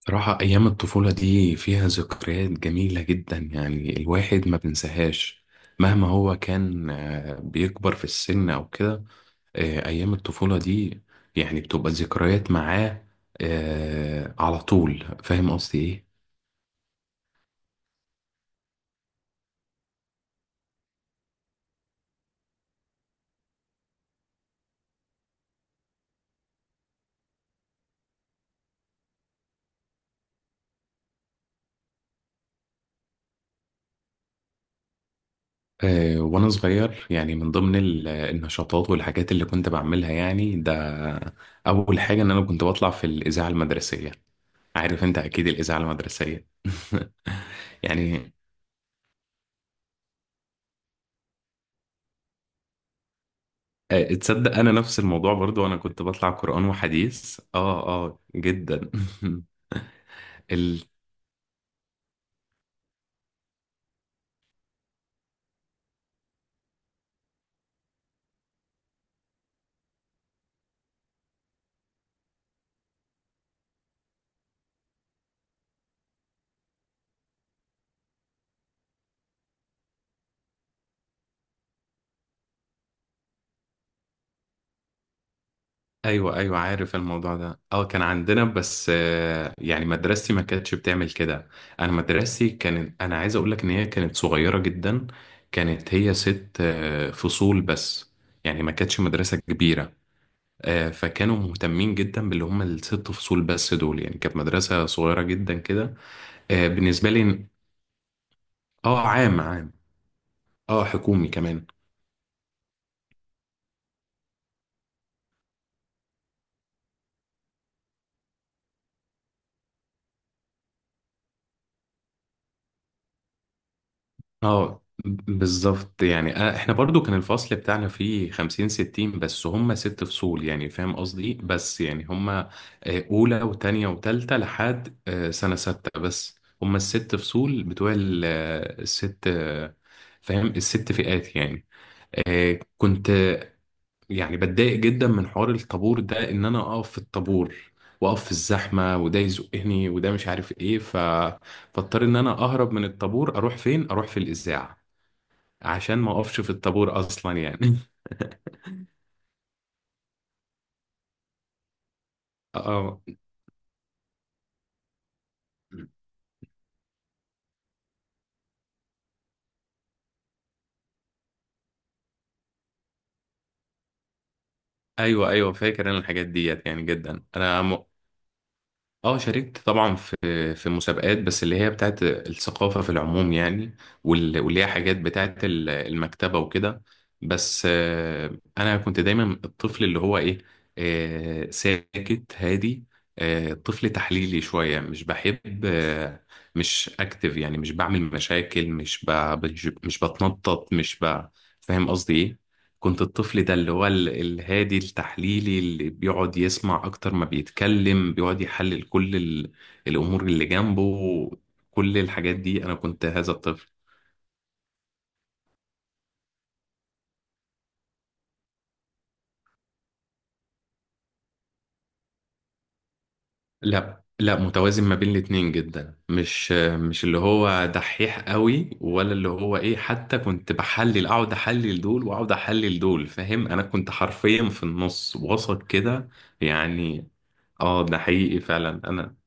صراحة أيام الطفولة دي فيها ذكريات جميلة جدا، يعني الواحد ما بنساهاش مهما هو كان بيكبر في السن أو كده. أيام الطفولة دي يعني بتبقى ذكريات معاه. على طول، فاهم قصدي إيه؟ وأنا صغير، يعني من ضمن النشاطات والحاجات اللي كنت بعملها، يعني ده أول حاجة إن أنا كنت بطلع في الإذاعة المدرسية. عارف أنت أكيد الإذاعة المدرسية. يعني تصدق انا نفس الموضوع برضو، انا كنت بطلع قرآن وحديث. اه اه جدا. ال... ايوه ايوه، عارف الموضوع ده. اه، كان عندنا، بس يعني مدرستي ما كانتش بتعمل كده. انا مدرستي كانت انا عايز اقول لك ان هي كانت صغيرة جدا. كانت هي ست فصول بس، يعني ما كانتش مدرسة كبيرة. فكانوا مهتمين جدا باللي هم الست فصول بس دول، يعني كانت مدرسة صغيرة جدا كده. بالنسبة لي. اه، عام عام. اه، حكومي كمان. اه بالظبط، يعني احنا برضو كان الفصل بتاعنا فيه خمسين ستين، بس هم ست فصول، يعني فاهم قصدي إيه؟ بس يعني هم اولى وتانية وتالتة لحد سنة ستة، بس هم الست فصول بتوع ال- آه، الست آه، فاهم الست فئات يعني. آه، كنت آه، يعني بتضايق جدا من حوار الطابور ده، ان انا اقف في الطابور واقف في الزحمة وده يزقني وده مش عارف ايه فاضطر ان انا اهرب من الطابور. اروح فين؟ اروح في الاذاعة، عشان ما اقفش في الطابور اصلا يعني. اه، ايوه ايوه، فاكر انا الحاجات ديت يعني جدا اه شاركت طبعا في مسابقات، بس اللي هي بتاعت الثقافة في العموم يعني. واللي هي حاجات بتاعت المكتبة وكده. بس انا كنت دايما الطفل اللي هو ايه، ساكت هادي، طفل تحليلي شوية، مش بحب مش اكتف، يعني مش بعمل مشاكل، مش بتنطط، مش ب- فاهم قصدي إيه؟ كنت الطفل ده اللي هو الهادي التحليلي، اللي بيقعد يسمع أكتر ما بيتكلم، بيقعد يحلل كل الأمور اللي جنبه. كل الحاجات دي أنا كنت هذا الطفل. لا لا، متوازن ما بين الاتنين جدا، مش اللي هو دحيح قوي ولا اللي هو ايه. حتى كنت بحلل، اقعد احلل دول واقعد احلل دول. فاهم، انا كنت حرفيا في النص وسط كده يعني. اه، ده حقيقي فعلا. انا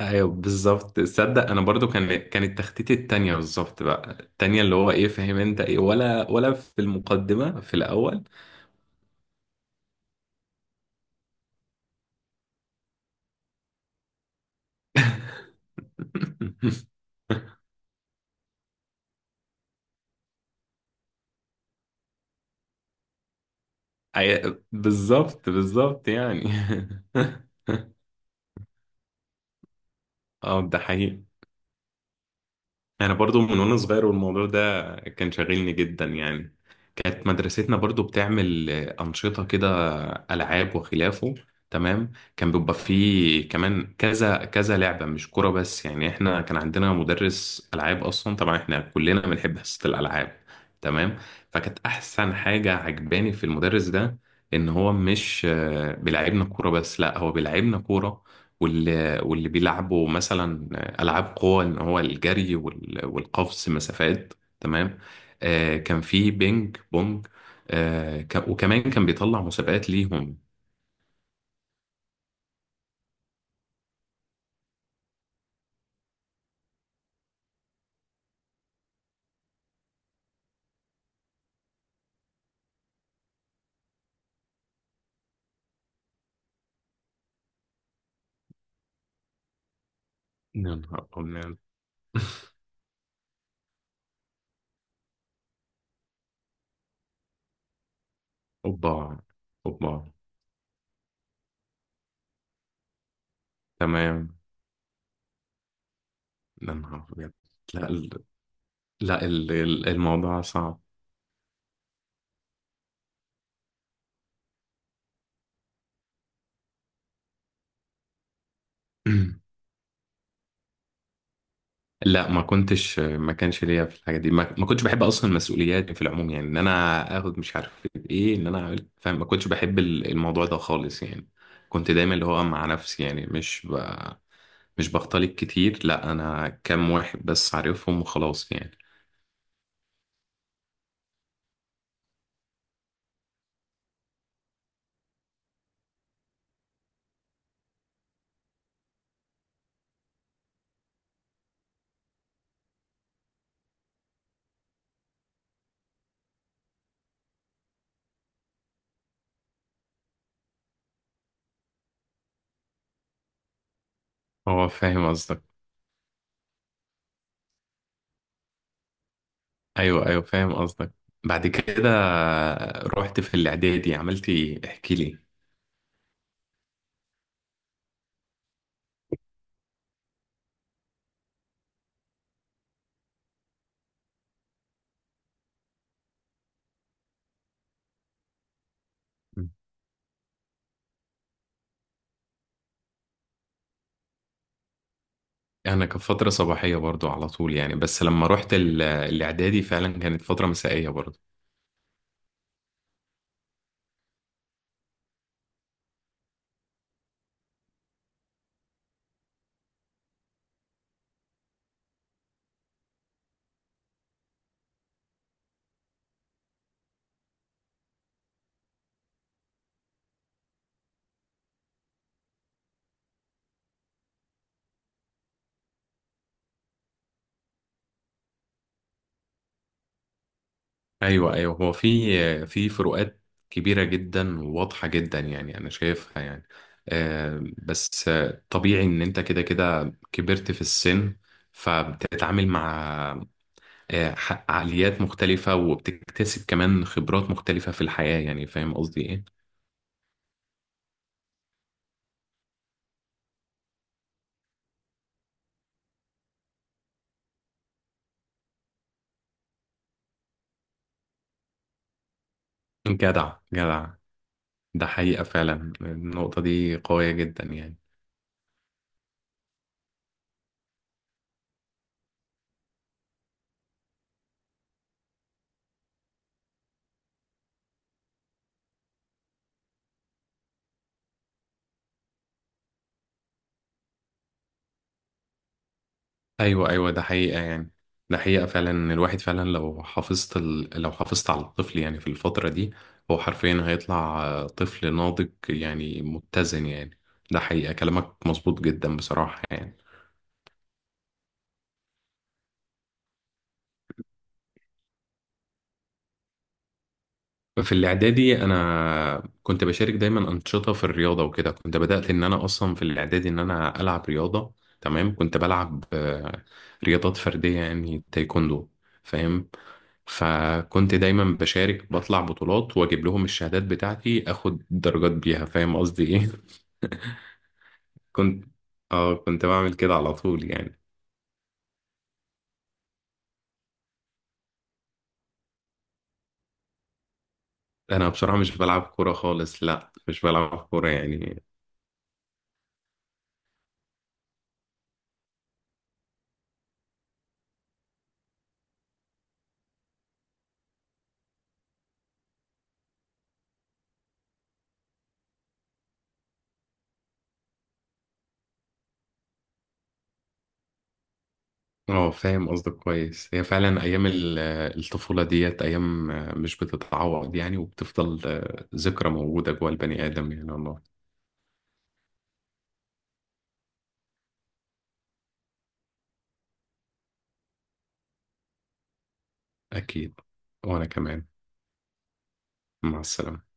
ايوه بالظبط، تصدق انا برضو كانت تخطيطي التانية بالظبط. بقى التانية اللي هو ايه، فاهم انت ايه، ولا في المقدمة في الاول؟ بالظبط بالظبط يعني. اه ده حقيقي، انا برضو من وانا صغير والموضوع ده كان شاغلني جدا يعني. كانت مدرستنا برضو بتعمل أنشطة كده، ألعاب وخلافه. تمام. كان بيبقى فيه كمان كذا كذا لعبة، مش كرة بس، يعني احنا كان عندنا مدرس ألعاب أصلا. طبعا احنا كلنا بنحب حصة الألعاب. تمام. فكانت أحسن حاجة عجباني في المدرس ده، إن هو مش بيلعبنا كورة بس، لا، هو بيلعبنا كورة واللي بيلعبوا مثلا ألعاب قوة، إن هو الجري والقفز مسافات. تمام. كان في بينج بونج. وكمان كان بيطلع مسابقات ليهم. يا نهار أبيض. اوبا اوبا، تمام. يا نهار أبيض. لا ال- لا. الموضوع صعب. لا، ما كانش ليا في الحاجه دي. ما كنتش بحب اصلا المسؤوليات في العموم، يعني ان انا اخد مش عارف ايه، ان انا اعمل، فاهم؟ ما كنتش بحب الموضوع ده خالص يعني. كنت دايما اللي هو مع نفسي، يعني مش بختلط كتير. لا، انا كام واحد بس عارفهم وخلاص يعني. هو فاهم قصدك. ايوه ايوه، فاهم قصدك. بعد كده رحت في الاعدادي، عملت ايه، احكي لي. مم. انا كانت فتره صباحيه برضو على طول يعني، بس لما رحت الاعدادي فعلا كانت فتره مسائيه برضو. ايوه ايوه، هو في فروقات كبيره جدا وواضحه جدا، يعني انا شايفها يعني. بس طبيعي ان انت كده كده كبرت في السن، فبتتعامل مع عقليات مختلفة وبتكتسب كمان خبرات مختلفة في الحياة، يعني فاهم قصدي ايه؟ جدع جدع. ده حقيقة فعلا، النقطة دي قوية جدا يعني. ايوه ايوه، ده حقيقة يعني. ده حقيقة فعلا إن الواحد فعلا لو حافظت لو حافظت على الطفل يعني في الفترة دي، هو حرفيا هيطلع طفل ناضج يعني، متزن يعني. ده حقيقة كلامك مظبوط جدا بصراحة يعني. في الاعدادي انا كنت بشارك دايما انشطه في الرياضه وكده. كنت بدات ان انا اصلا في الاعدادي ان انا العب رياضه. تمام. كنت بلعب رياضات فرديه، يعني تايكوندو، فاهم؟ فكنت دايما بشارك، بطلع بطولات واجيب لهم الشهادات بتاعتي، اخد درجات بيها. فاهم قصدي ايه؟ كنت اه كنت بعمل كده على طول يعني. انا بصراحه مش بلعب كوره خالص. لا، مش بلعب كوره يعني. اه، فاهم قصدك كويس. هي فعلا ايام الطفوله ديت، ايام مش بتتعوض يعني، وبتفضل ذكرى موجوده جوه البني ادم، يعني والله. اكيد. وانا كمان. مع السلامه.